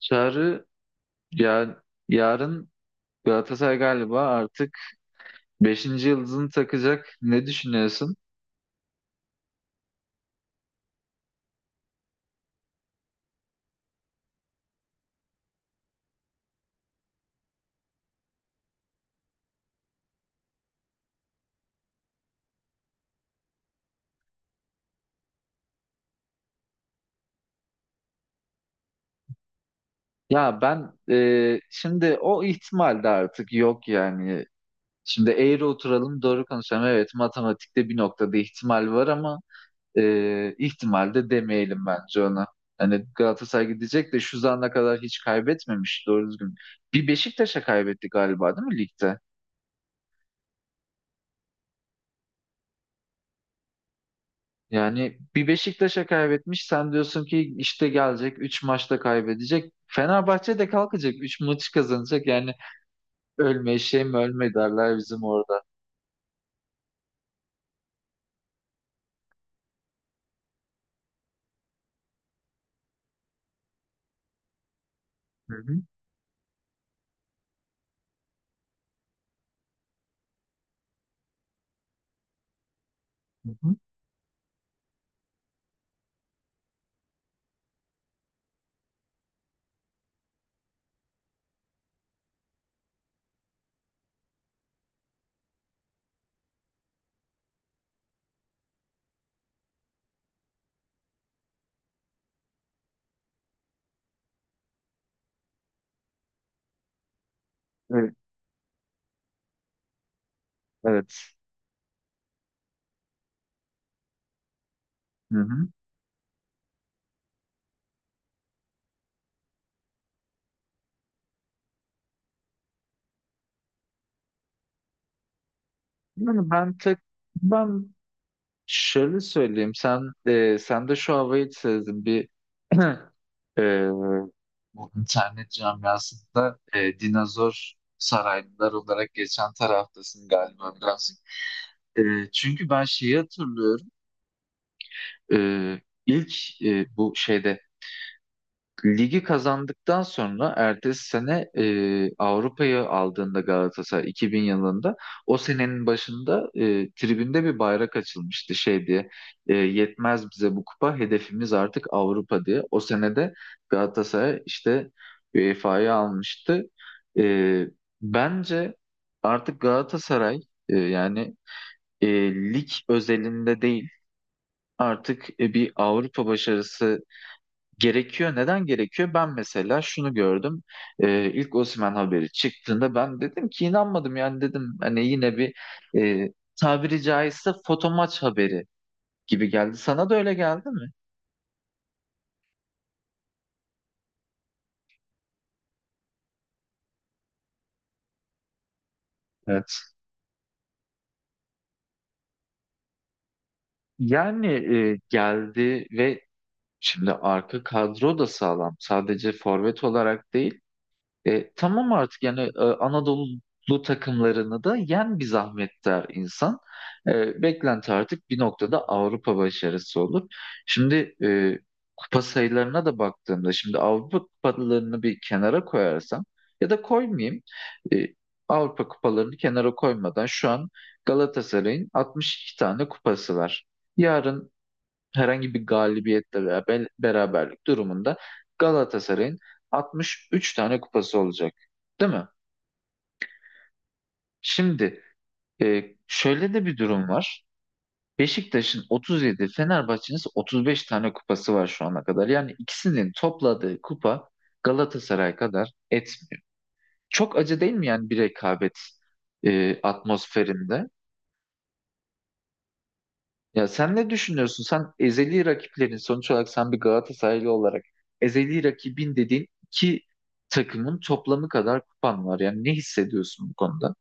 Çağrı ya, yarın Galatasaray galiba artık beşinci yıldızını takacak. Ne düşünüyorsun? Ya ben şimdi o ihtimal de artık yok yani. Şimdi eğri oturalım doğru konuşalım. Evet, matematikte bir noktada ihtimal var ama ihtimal de demeyelim bence ona. Hani Galatasaray gidecek de şu zamana kadar hiç kaybetmemiş doğru düzgün. Bir Beşiktaş'a kaybetti galiba, değil mi ligde? Yani bir Beşiktaş'a kaybetmiş. Sen diyorsun ki işte gelecek 3 maçta kaybedecek. Fenerbahçe de kalkacak 3 maçı kazanacak. Yani ölme eşeğim ölme derler bizim orada. Hı hı. Hı hı. Evet. Evet. Hı hı. Yani ben şöyle söyleyeyim. Sen de şu havayı sezdim. Ee, bu internet camiasında dinozor saraylılar olarak geçen taraftasın galiba birazcık. E, çünkü ben şeyi hatırlıyorum. E, ilk e, bu şeyde ligi kazandıktan sonra ertesi sene Avrupa'yı aldığında Galatasaray 2000 yılında, o senenin başında tribünde bir bayrak açılmıştı, şey diye, yetmez bize bu kupa, hedefimiz artık Avrupa diye. O senede Galatasaray işte UEFA'yı almıştı. E, bence artık Galatasaray e, yani e, lig özelinde değil, artık bir Avrupa başarısı gerekiyor. Neden gerekiyor? Ben mesela şunu gördüm. İlk Osimhen haberi çıktığında ben dedim ki, inanmadım yani, dedim hani yine bir e, tabiri caizse foto maç haberi gibi geldi. Sana da öyle geldi mi? Evet. Yani geldi ve şimdi arka kadro da sağlam. Sadece forvet olarak değil. Tamam artık yani Anadolu takımlarını da yen bir zahmet der insan. Beklenti artık bir noktada Avrupa başarısı olur. Şimdi kupa sayılarına da baktığımda, şimdi Avrupa kupalarını bir kenara koyarsam, ya da koymayayım. E, Avrupa kupalarını kenara koymadan şu an Galatasaray'ın 62 tane kupası var. Yarın herhangi bir galibiyetle veya beraberlik durumunda Galatasaray'ın 63 tane kupası olacak. Değil mi? Şimdi şöyle de bir durum var. Beşiktaş'ın 37, Fenerbahçe'nin ise 35 tane kupası var şu ana kadar. Yani ikisinin topladığı kupa Galatasaray kadar etmiyor. Çok acı değil mi yani, bir rekabet atmosferinde? Ya sen ne düşünüyorsun? Sen ezeli rakiplerin, sonuç olarak sen bir Galatasaraylı olarak, ezeli rakibin dediğin iki takımın toplamı kadar kupan var. Yani ne hissediyorsun bu konuda?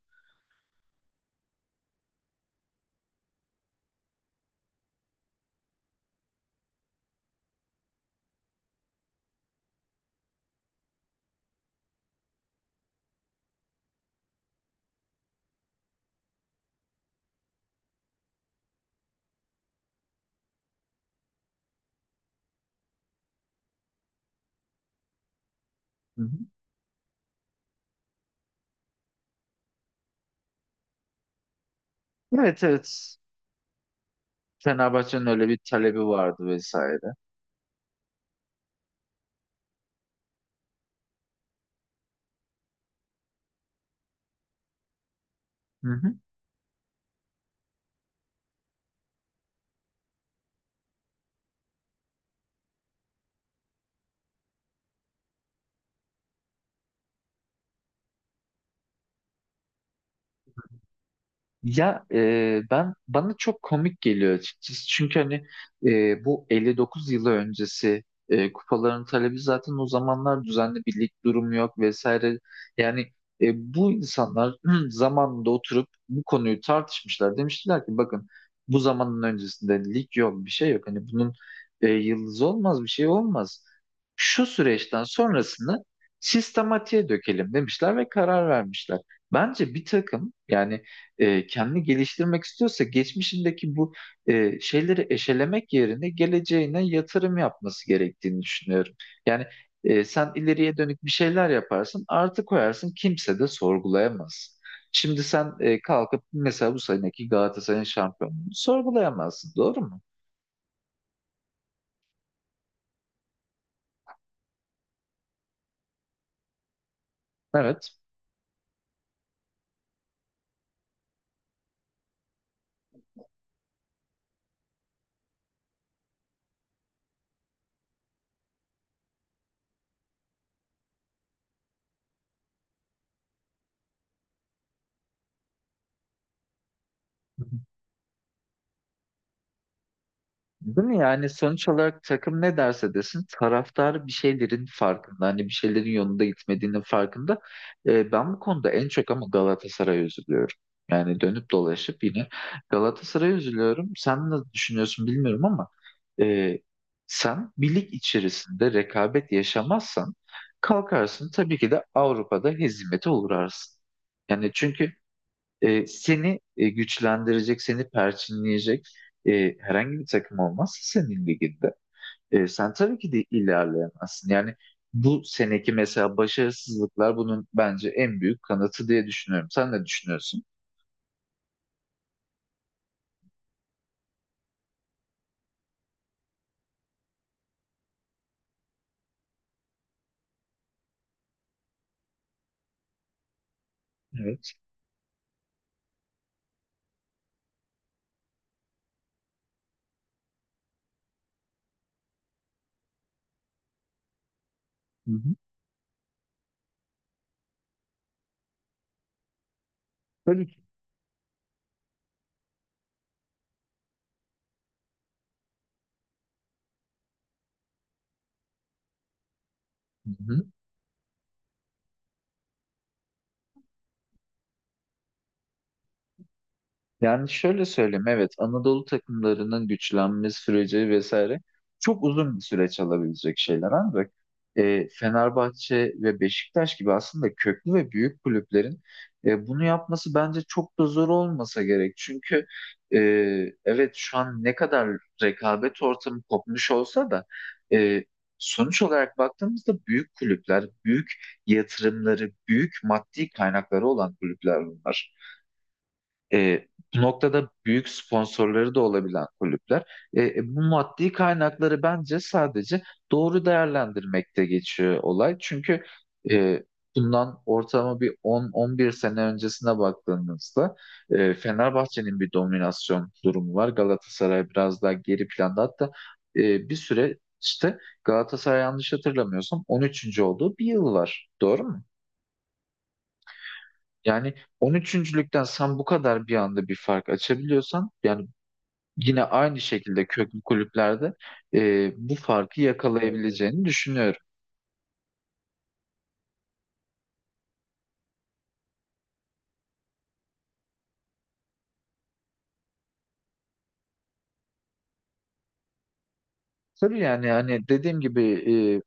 Hı hı. Evet, evet. Fenerbahçe'nin öyle bir talebi vardı vesaire. Hı hı. Ya e, ben bana çok komik geliyor açıkçası. Çünkü hani bu 59 yılı öncesi kupaların talebi, zaten o zamanlar düzenli bir lig durumu yok vesaire. Yani bu insanlar zamanında oturup bu konuyu tartışmışlar. Demiştiler ki, bakın, bu zamanın öncesinde lig yok, bir şey yok. Hani bunun yıldızı olmaz, bir şey olmaz. Şu süreçten sonrasını sistematiğe dökelim demişler ve karar vermişler. Bence bir takım, yani kendini geliştirmek istiyorsa, geçmişindeki bu şeyleri eşelemek yerine geleceğine yatırım yapması gerektiğini düşünüyorum. Yani sen ileriye dönük bir şeyler yaparsın, artı koyarsın, kimse de sorgulayamaz. Şimdi sen kalkıp mesela bu seneki Galatasaray'ın şampiyonluğunu sorgulayamazsın, doğru mu? Evet. Değil mi? Yani sonuç olarak takım ne derse desin, taraftar bir şeylerin farkında. Hani bir şeylerin yolunda gitmediğinin farkında. Ben bu konuda en çok ama Galatasaray'a üzülüyorum. Yani dönüp dolaşıp yine Galatasaray'a üzülüyorum. Sen ne düşünüyorsun bilmiyorum ama e, sen bir lig içerisinde rekabet yaşamazsan, kalkarsın tabii ki de Avrupa'da hezimete uğrarsın. Yani çünkü seni güçlendirecek, seni perçinleyecek herhangi bir takım olmazsa senin liginde, sen tabii ki de ilerleyemezsin. Yani bu seneki mesela başarısızlıklar bunun bence en büyük kanıtı diye düşünüyorum. Sen ne düşünüyorsun? Evet. Hı hı. Tabii ki. Hı hı. Yani şöyle söyleyeyim, evet, Anadolu takımlarının güçlenme süreci vesaire çok uzun bir süreç alabilecek şeyler, ancak Fenerbahçe ve Beşiktaş gibi aslında köklü ve büyük kulüplerin bunu yapması bence çok da zor olmasa gerek. Çünkü e, evet, şu an ne kadar rekabet ortamı kopmuş olsa da, e, sonuç olarak baktığımızda, büyük kulüpler, büyük yatırımları, büyük maddi kaynakları olan kulüpler bunlar. E, bu noktada büyük sponsorları da olabilen kulüpler. Bu maddi kaynakları bence sadece doğru değerlendirmekte geçiyor olay. Çünkü e, bundan ortalama bir 10-11 sene öncesine baktığımızda Fenerbahçe'nin bir dominasyon durumu var. Galatasaray biraz daha geri planda. Hatta bir süre işte Galatasaray, yanlış hatırlamıyorsam, 13. olduğu bir yıl var. Doğru mu? Yani 13.lükten sen bu kadar bir anda bir fark açabiliyorsan, yani yine aynı şekilde köklü kulüplerde bu farkı yakalayabileceğini düşünüyorum. Tabii yani hani dediğim gibi,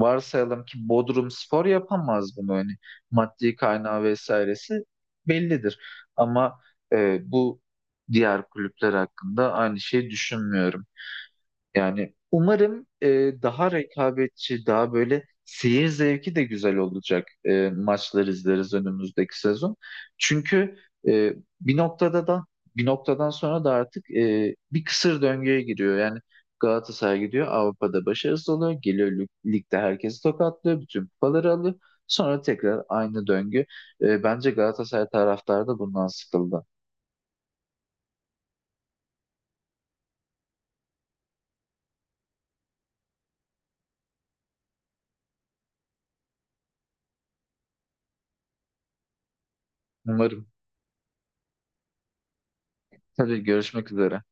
varsayalım ki Bodrumspor yapamaz bunu, hani maddi kaynağı vesairesi bellidir. Ama bu diğer kulüpler hakkında aynı şeyi düşünmüyorum. Yani umarım daha rekabetçi, daha böyle seyir zevki de güzel olacak maçlar izleriz önümüzdeki sezon. Çünkü e, bir noktada da bir noktadan sonra da artık bir kısır döngüye giriyor. Yani Galatasaray gidiyor, Avrupa'da başarısız oluyor. Geliyor, ligde herkesi tokatlıyor. Bütün kupaları alıyor. Sonra tekrar aynı döngü. Bence Galatasaray taraftarı da bundan sıkıldı. Umarım. Tabii, görüşmek üzere.